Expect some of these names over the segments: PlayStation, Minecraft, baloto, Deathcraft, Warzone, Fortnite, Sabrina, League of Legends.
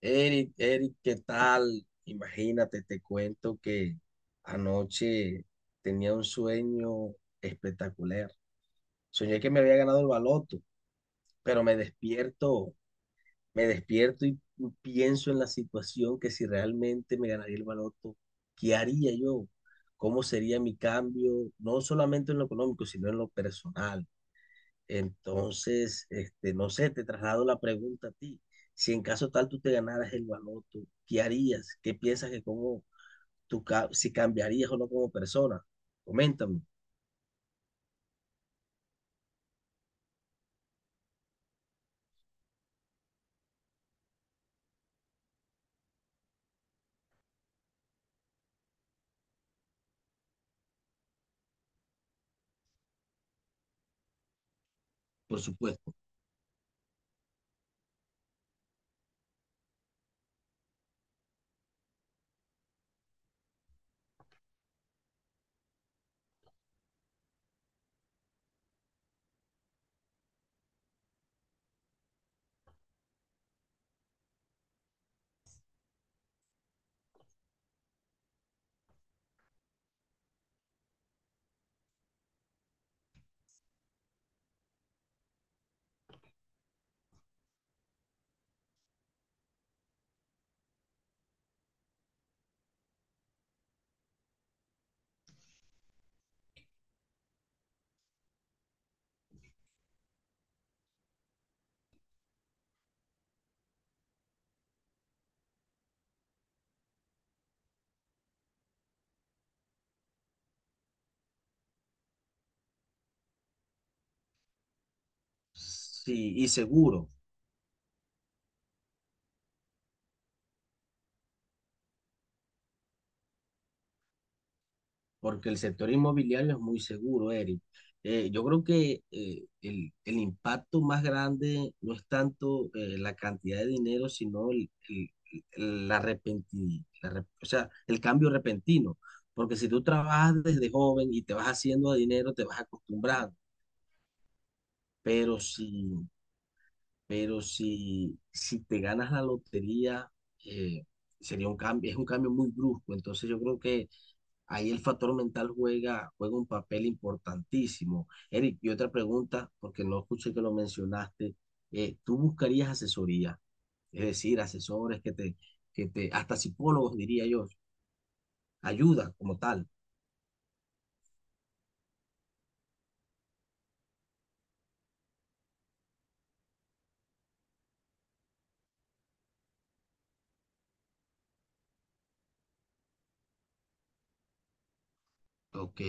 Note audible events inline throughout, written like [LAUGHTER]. Eric, Eric, ¿qué tal? Imagínate, te cuento que anoche tenía un sueño espectacular. Soñé que me había ganado el baloto, pero me despierto y pienso en la situación que si realmente me ganaría el baloto, ¿qué haría yo? ¿Cómo sería mi cambio? No solamente en lo económico, sino en lo personal. Entonces, no sé, te traslado la pregunta a ti. Si en caso tal tú te ganaras el baloto, ¿qué harías? ¿Qué piensas que cómo tú, si cambiarías o no como persona? Coméntame. Por supuesto. Sí, y seguro. Porque el sector inmobiliario es muy seguro, Eric. Yo creo que el impacto más grande no es tanto la cantidad de dinero, sino el- la repenti- la rep- o sea, el cambio repentino. Porque si tú trabajas desde joven y te vas haciendo de dinero, te vas acostumbrando. Pero si te ganas la lotería, eh, sería un cambio, es un cambio muy brusco. Entonces yo creo que ahí el factor mental juega, juega un papel importantísimo. Eric, y otra pregunta, porque no escuché que lo mencionaste, ¿tú buscarías asesoría? Es decir, asesores que te, hasta psicólogos diría yo, ayuda como tal. Ok.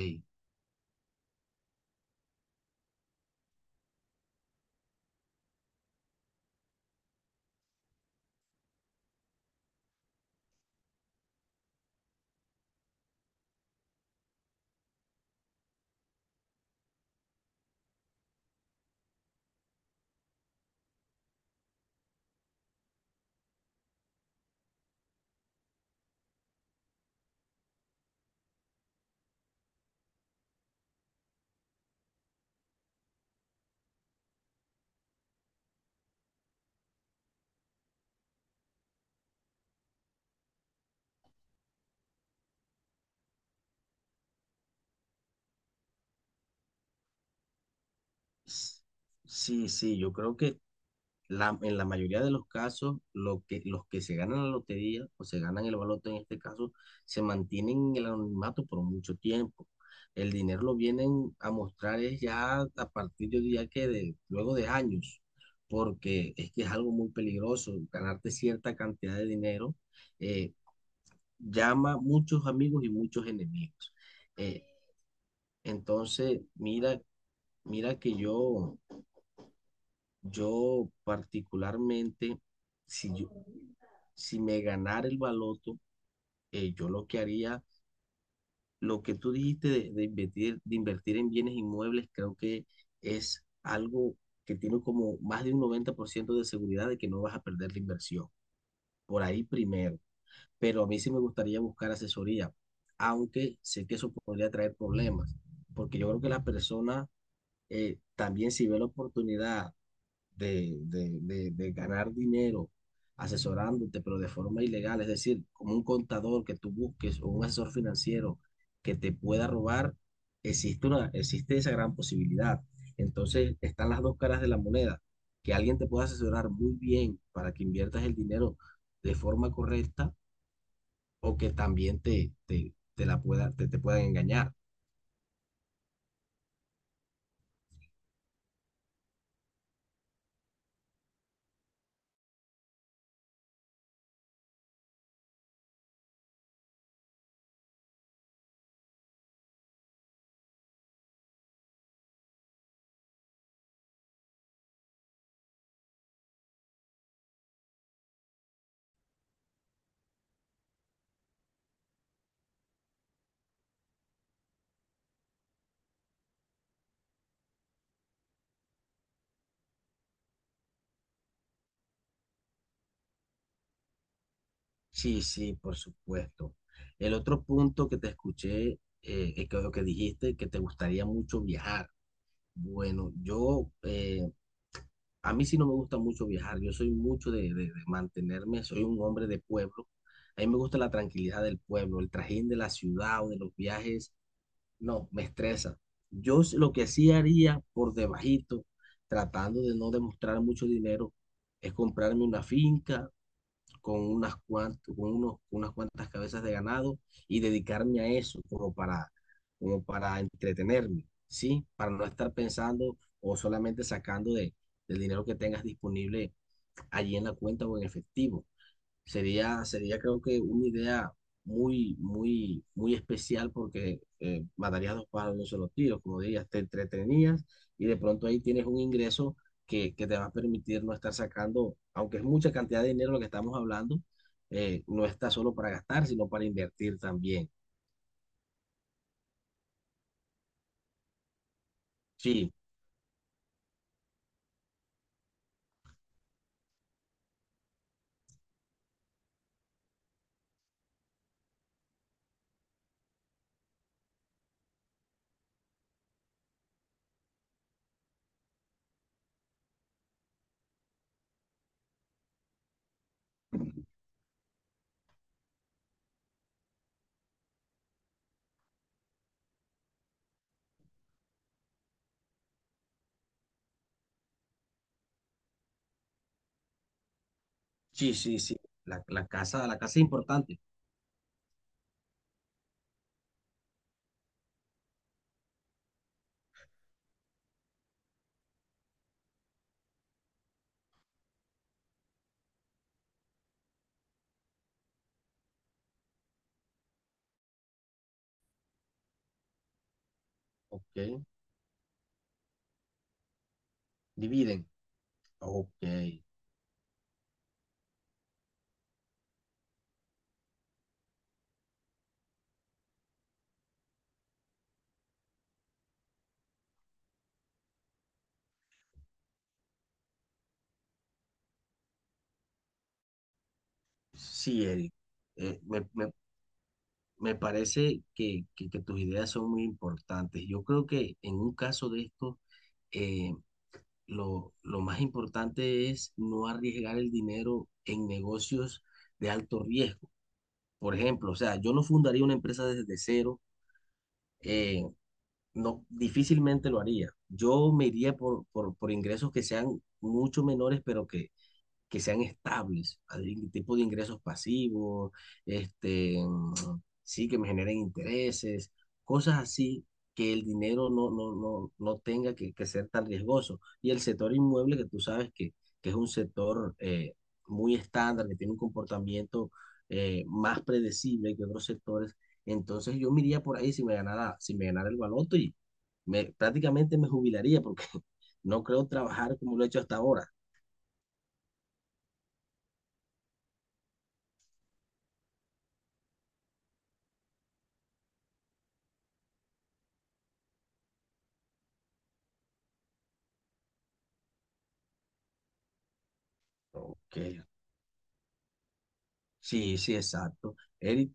S- sí, sí, yo creo que en la mayoría de los casos, los que se ganan la lotería o se ganan el baloto en este caso, se mantienen en el anonimato por mucho tiempo. El dinero lo vienen a mostrar es ya a partir, yo diría que de, luego de años, porque es que es algo muy peligroso. Ganarte cierta cantidad de dinero eh, llama muchos amigos y muchos enemigos. Eh, entonces, mira que yo particularmente, si yo, si me ganara el baloto, yo lo que haría, lo que tú dijiste de invertir en bienes inmuebles, creo que es algo que tiene como más de un 90% de seguridad de que no vas a perder la inversión. Por ahí primero. Pero a mí sí me gustaría buscar asesoría, aunque sé que eso podría traer problemas, porque yo creo que la persona también si ve la oportunidad de ganar dinero asesorándote, pero de forma ilegal, es decir, como un contador que tú busques o un asesor financiero que te pueda robar, existe esa gran posibilidad. Entonces, están las dos caras de la moneda, que alguien te pueda asesorar muy bien para que inviertas el dinero de forma correcta o que también te la pueda, te puedan engañar. Sí, sí, por supuesto. El otro punto que te escuché, lo que dijiste, que te gustaría mucho viajar. Bueno, a mí sí no me gusta mucho viajar. Yo soy mucho de mantenerme, soy un hombre de pueblo. A mí me gusta la tranquilidad del pueblo, el trajín de la ciudad o de los viajes, no, me estresa. Lo que sí haría por debajito, tratando de no demostrar mucho dinero, es comprarme una finca con unas cuantas, con unos, con unas cuantas cabezas de ganado y dedicarme a eso como para, como para entretenerme, ¿sí? Para no estar pensando o solamente sacando del dinero que tengas disponible allí en la cuenta o en efectivo. Sería creo que una idea muy, muy, muy especial porque matarías dos pájaros de un solo tiro, como dirías, te entretenías y de pronto ahí tienes un ingreso que te va a permitir no estar sacando, aunque es mucha cantidad de dinero lo que estamos hablando, no está solo para gastar, sino para invertir también. Sí, sí, sí, sí. La casa, la casa es importante. Ok, dividen. Ok, sí, Eric. Eh, me, me Me parece que tus ideas son muy importantes. Yo creo que en un caso de esto, eh, lo más importante es no arriesgar el dinero en negocios de alto riesgo. Por ejemplo, o sea, yo no fundaría una empresa desde cero, eh, no, difícilmente lo haría. Yo me iría por ingresos que sean mucho menores, pero que sean estables, algún tipo de ingresos pasivos, este, mm, sí, que me generen intereses, cosas así, que el dinero no tenga que ser tan riesgoso. Y el sector inmueble, que tú sabes que es un sector muy estándar, que tiene un comportamiento más predecible que otros sectores, entonces yo me iría por ahí si me ganara el baloto y prácticamente me jubilaría porque [LAUGHS] no creo trabajar como lo he hecho hasta ahora. Ok. Sí, sí, exacto. Eric,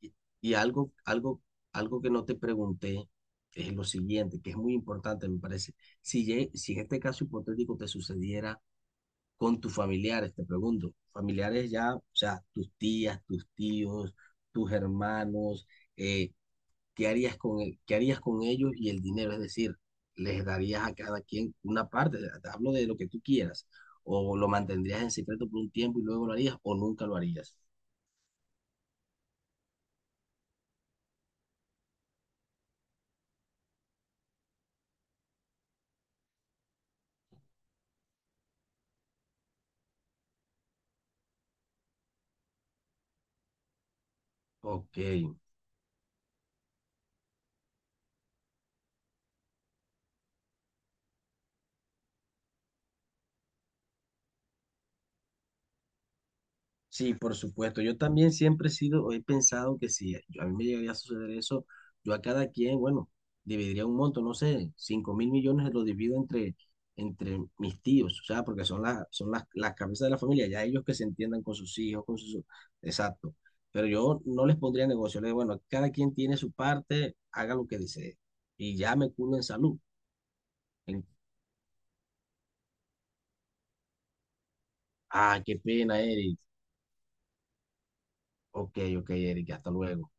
y, y algo, algo, algo que no te pregunté es lo siguiente, que es muy importante, me parece. Si, si en este caso hipotético te sucediera con tus familiares, te pregunto, familiares ya, o sea, tus tías, tus tíos, tus hermanos, eh, qué harías con ellos y el dinero? Es decir, ¿les darías a cada quien una parte? Te hablo de lo que tú quieras, o lo mantendrías en secreto por un tiempo y luego lo harías, o nunca lo harías. Ok. Sí, por supuesto. Yo también siempre he sido, o he pensado que si yo- a mí me llegaría a suceder eso, yo a cada quien, bueno, dividiría un monto, no sé, 5.000 millones lo divido entre, mis tíos, o sea, porque son, las cabezas de la familia, ya ellos que se entiendan con sus hijos, con sus... Exacto. Pero yo no les pondría negocio, les digo, bueno, cada quien tiene su parte, haga lo que desee. Y ya me curo en salud. En- ah, qué pena, Eric. Ok, ok, Eric, hasta luego.